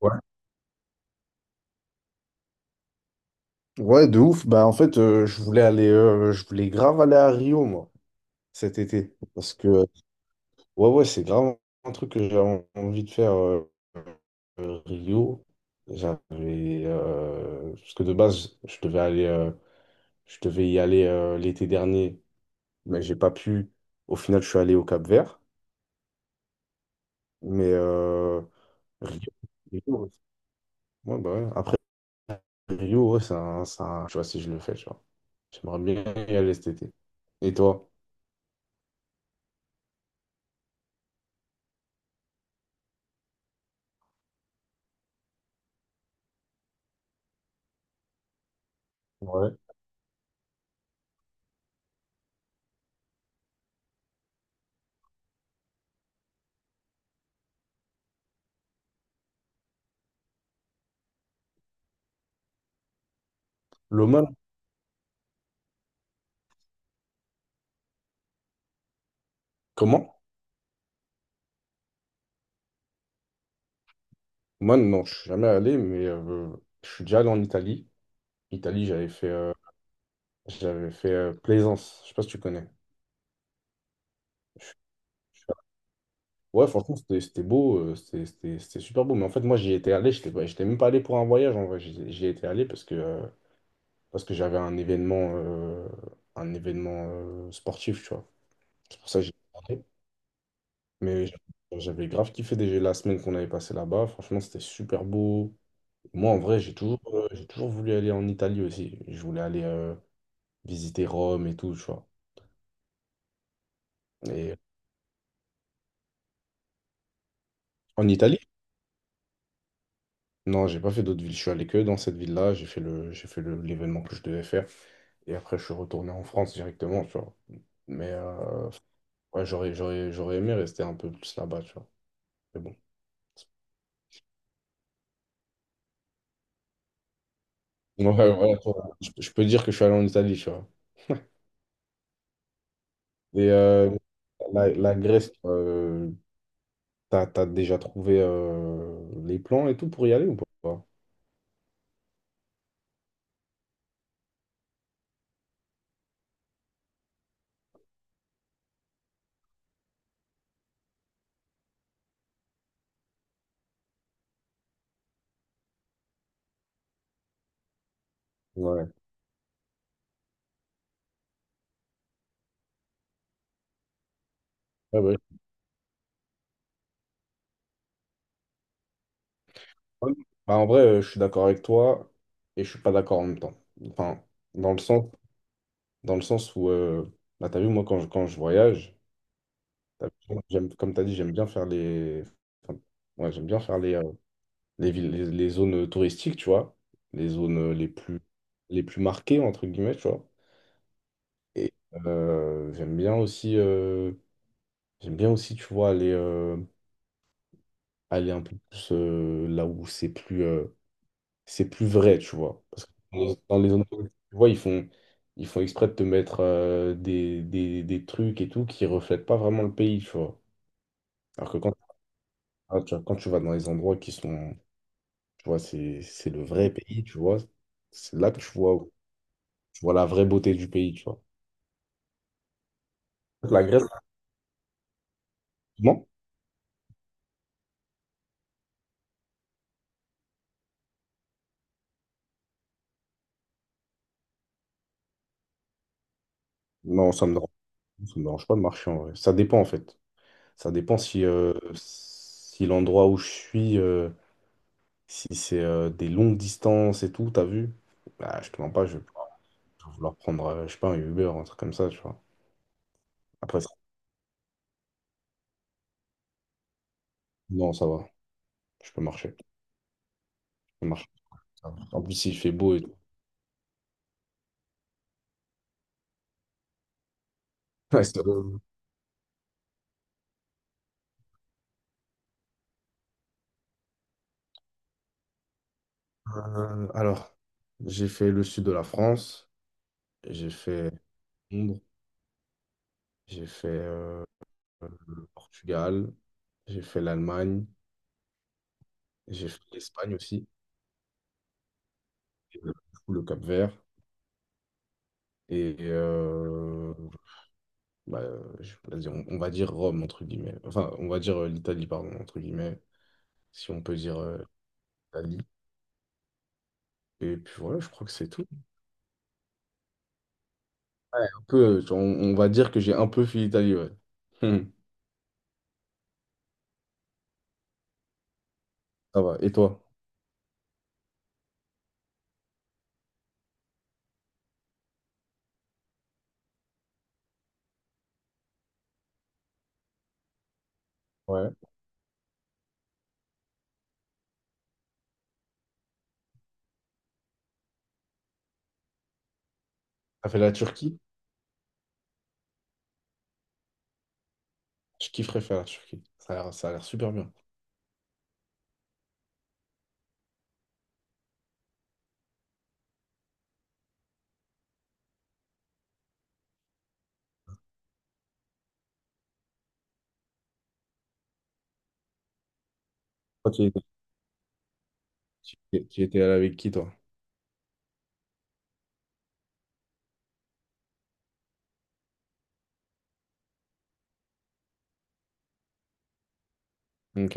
Ouais. Ouais, de ouf. Bah, en fait, je voulais grave aller à Rio, moi, cet été. Parce que, ouais, ouais, c'est grave un truc que j'avais envie de faire Rio. Parce que de base, je devais y aller l'été dernier, mais j'ai pas pu. Au final, je suis allé au Cap-Vert. Mais Rio, Rio, ouais. Ouais, bah ouais. Après, Rio, ouais, je sais pas si je le fais, tu vois. J'aimerais bien y aller cet été. Et toi? L'Oman, comment? Oman, non, je suis jamais allé, mais je suis déjà allé en Italie. Italie, j'avais fait Plaisance. Je sais pas si tu connais. Je suis allé- Ouais, franchement, c'était beau, c'était super beau. Mais en fait, moi, j'y étais allé, j'étais même pas allé pour un voyage en vrai. J'y étais allé parce que j'avais un événement sportif, tu vois. C'est pour ça que j'y étais allé. Mais j'avais grave kiffé déjà la semaine qu'on avait passée là-bas. Franchement, c'était super beau. Moi, en vrai, j'ai toujours voulu aller en Italie aussi. Je voulais aller visiter Rome et tout, tu vois. Et en Italie? Non, j'ai pas fait d'autres villes. Je suis allé que dans cette ville-là. J'ai fait l'événement que je devais faire. Et après, je suis retourné en France directement, tu vois. Mais ouais, j'aurais aimé rester un peu plus là-bas, tu vois. Mais bon. Ouais, voilà, je peux dire que je suis allé en Italie, tu vois. Et la Grèce, t'as déjà trouvé les plans et tout pour y aller ou pas? Ouais. Ouais, bah, ouais. Bah, en vrai, je suis d'accord avec toi et je suis pas d'accord en même temps. Enfin, dans le sens, dans le sens où, bah, t'as vu, moi, quand je voyage, t'as vu, j'aime, comme t'as dit, j'aime bien faire les, enfin, ouais, j'aime bien faire les villes, les zones touristiques, tu vois, les zones les plus marquées, entre guillemets, tu vois. Et euh, j'aime bien aussi, euh, j'aime bien aussi, tu vois, aller un peu plus là où c'est plus vrai, tu vois. Parce que dans les entreprises, tu vois, ils font exprès de te mettre des trucs et tout qui reflètent pas vraiment le pays, tu vois. Alors que ah, tu vois, quand tu vas dans les endroits qui sont, tu vois, c'est le vrai pays, tu vois, c'est là que tu vois la vraie beauté du pays, tu vois. La Grèce, non, non, ça me dérange pas de marcher en vrai. Ça dépend, en fait. Ça dépend si l'endroit où je suis, si c'est des longues distances et tout, t'as vu? Bah, je te mens pas. Je Faut vouloir prendre, je sais pas, un Uber, un truc comme ça, tu vois. Après, non, ça va. Je peux marcher. Je peux marcher. Ça va. En plus, il fait beau et tout. Ouais, alors, j'ai fait le sud de la France, j'ai fait Londres, j'ai fait le Portugal, j'ai fait l'Allemagne, j'ai fait l'Espagne aussi, et, du coup, le Cap-Vert, et bah, vas-y, on va dire Rome, entre guillemets. Enfin, on va dire l'Italie, pardon, entre guillemets, si on peut dire l'Italie. Et puis voilà, je crois que c'est tout. Ouais, un peu, on va dire que j'ai un peu fui l'Italie, ouais. Hum, ça va. Et toi? Ouais. T'as fait la Turquie? Je kifferais faire la Turquie. Ça a l'air super bien. Toi, tu étais allé avec qui, toi? Ok.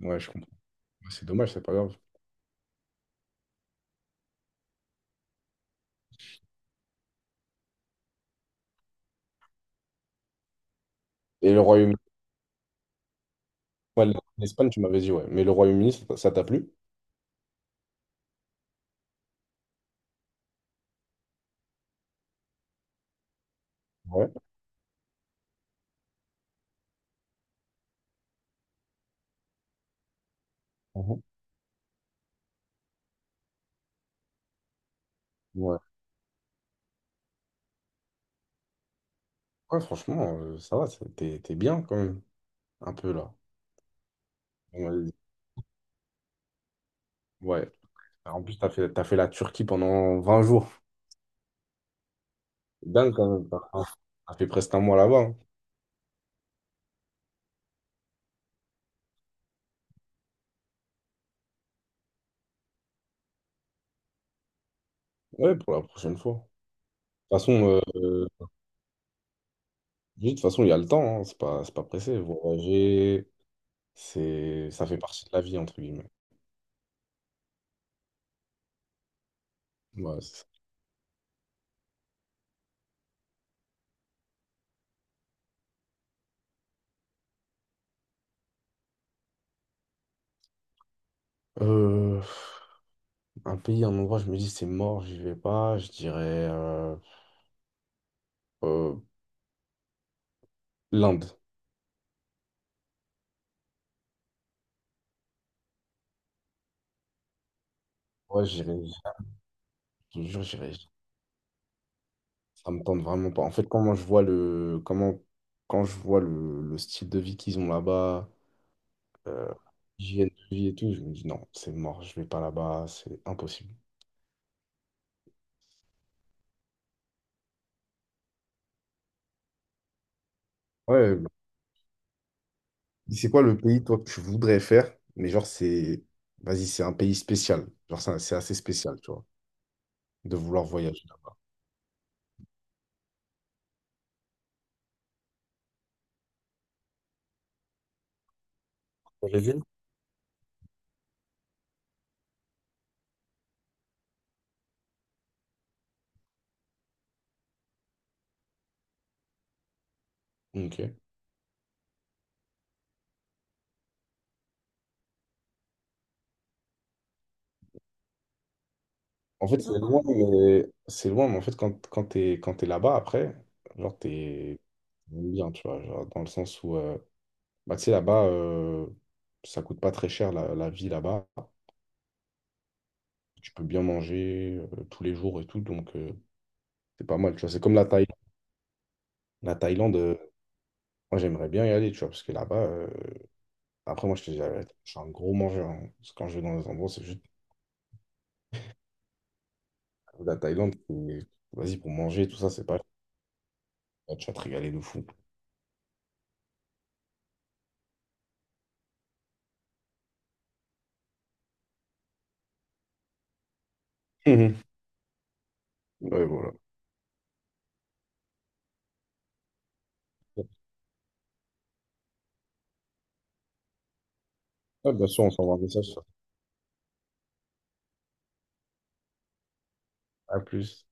Ouais, je comprends. Ouais, c'est dommage, c'est pas grave. Et le Royaume-Uni? Ouais, l'Espagne, tu m'avais dit, ouais. Mais le Royaume-Uni, ça t'a plu? Ouais. Mhm. Ouais. Ouais, franchement, ça va. T'es bien, quand même. Un peu, là. Ouais. Ouais. En plus, t'as fait la Turquie pendant 20 jours. Dingue, quand même. T'as fait presque un mois là-bas. Hein. Ouais, pour la prochaine fois. toute façon, euh, de toute façon, il y a le temps, hein. C'est pas pressé. Voyager, ça fait partie de la vie, entre guillemets. Ouais, c'est ça. Euh, un pays, un endroit, je me dis c'est mort, j'y vais pas. Je dirais euh, l'Inde. Ouais, j'irai, je te jure, j'irai. Ça me tente vraiment pas. En fait, comment je vois le, comment, quand je vois le style de vie qu'ils ont là-bas, euh, l'hygiène de vie et tout, je me dis non, c'est mort, je vais pas là-bas, c'est impossible. Ouais, c'est quoi le pays, toi, que tu voudrais faire? Mais genre, vas-y, c'est un pays spécial. Genre, c'est assez spécial, tu vois, de vouloir voyager là-bas. Ok. En fait, c'est loin, mais en fait, quand t'es là-bas, après, genre, t'es bien, tu vois, genre, dans le sens où. Bah, tu sais, là-bas, ça coûte pas très cher, la vie là-bas. Tu peux bien manger tous les jours et tout, donc c'est pas mal, tu vois. C'est comme la Thaïlande. La Thaïlande, moi, j'aimerais bien y aller, tu vois, parce que là-bas. Après, moi, je te dis, la vérité, je suis un gros mangeur. Hein. Parce que quand je vais dans les endroits, c'est juste la Thaïlande. Vas-y, pour manger, tout ça, c'est pas... tu vas te régaler de fou. Mhm. Ouais, voilà. Ouais, bien sûr, on s'envoie un message. À plus.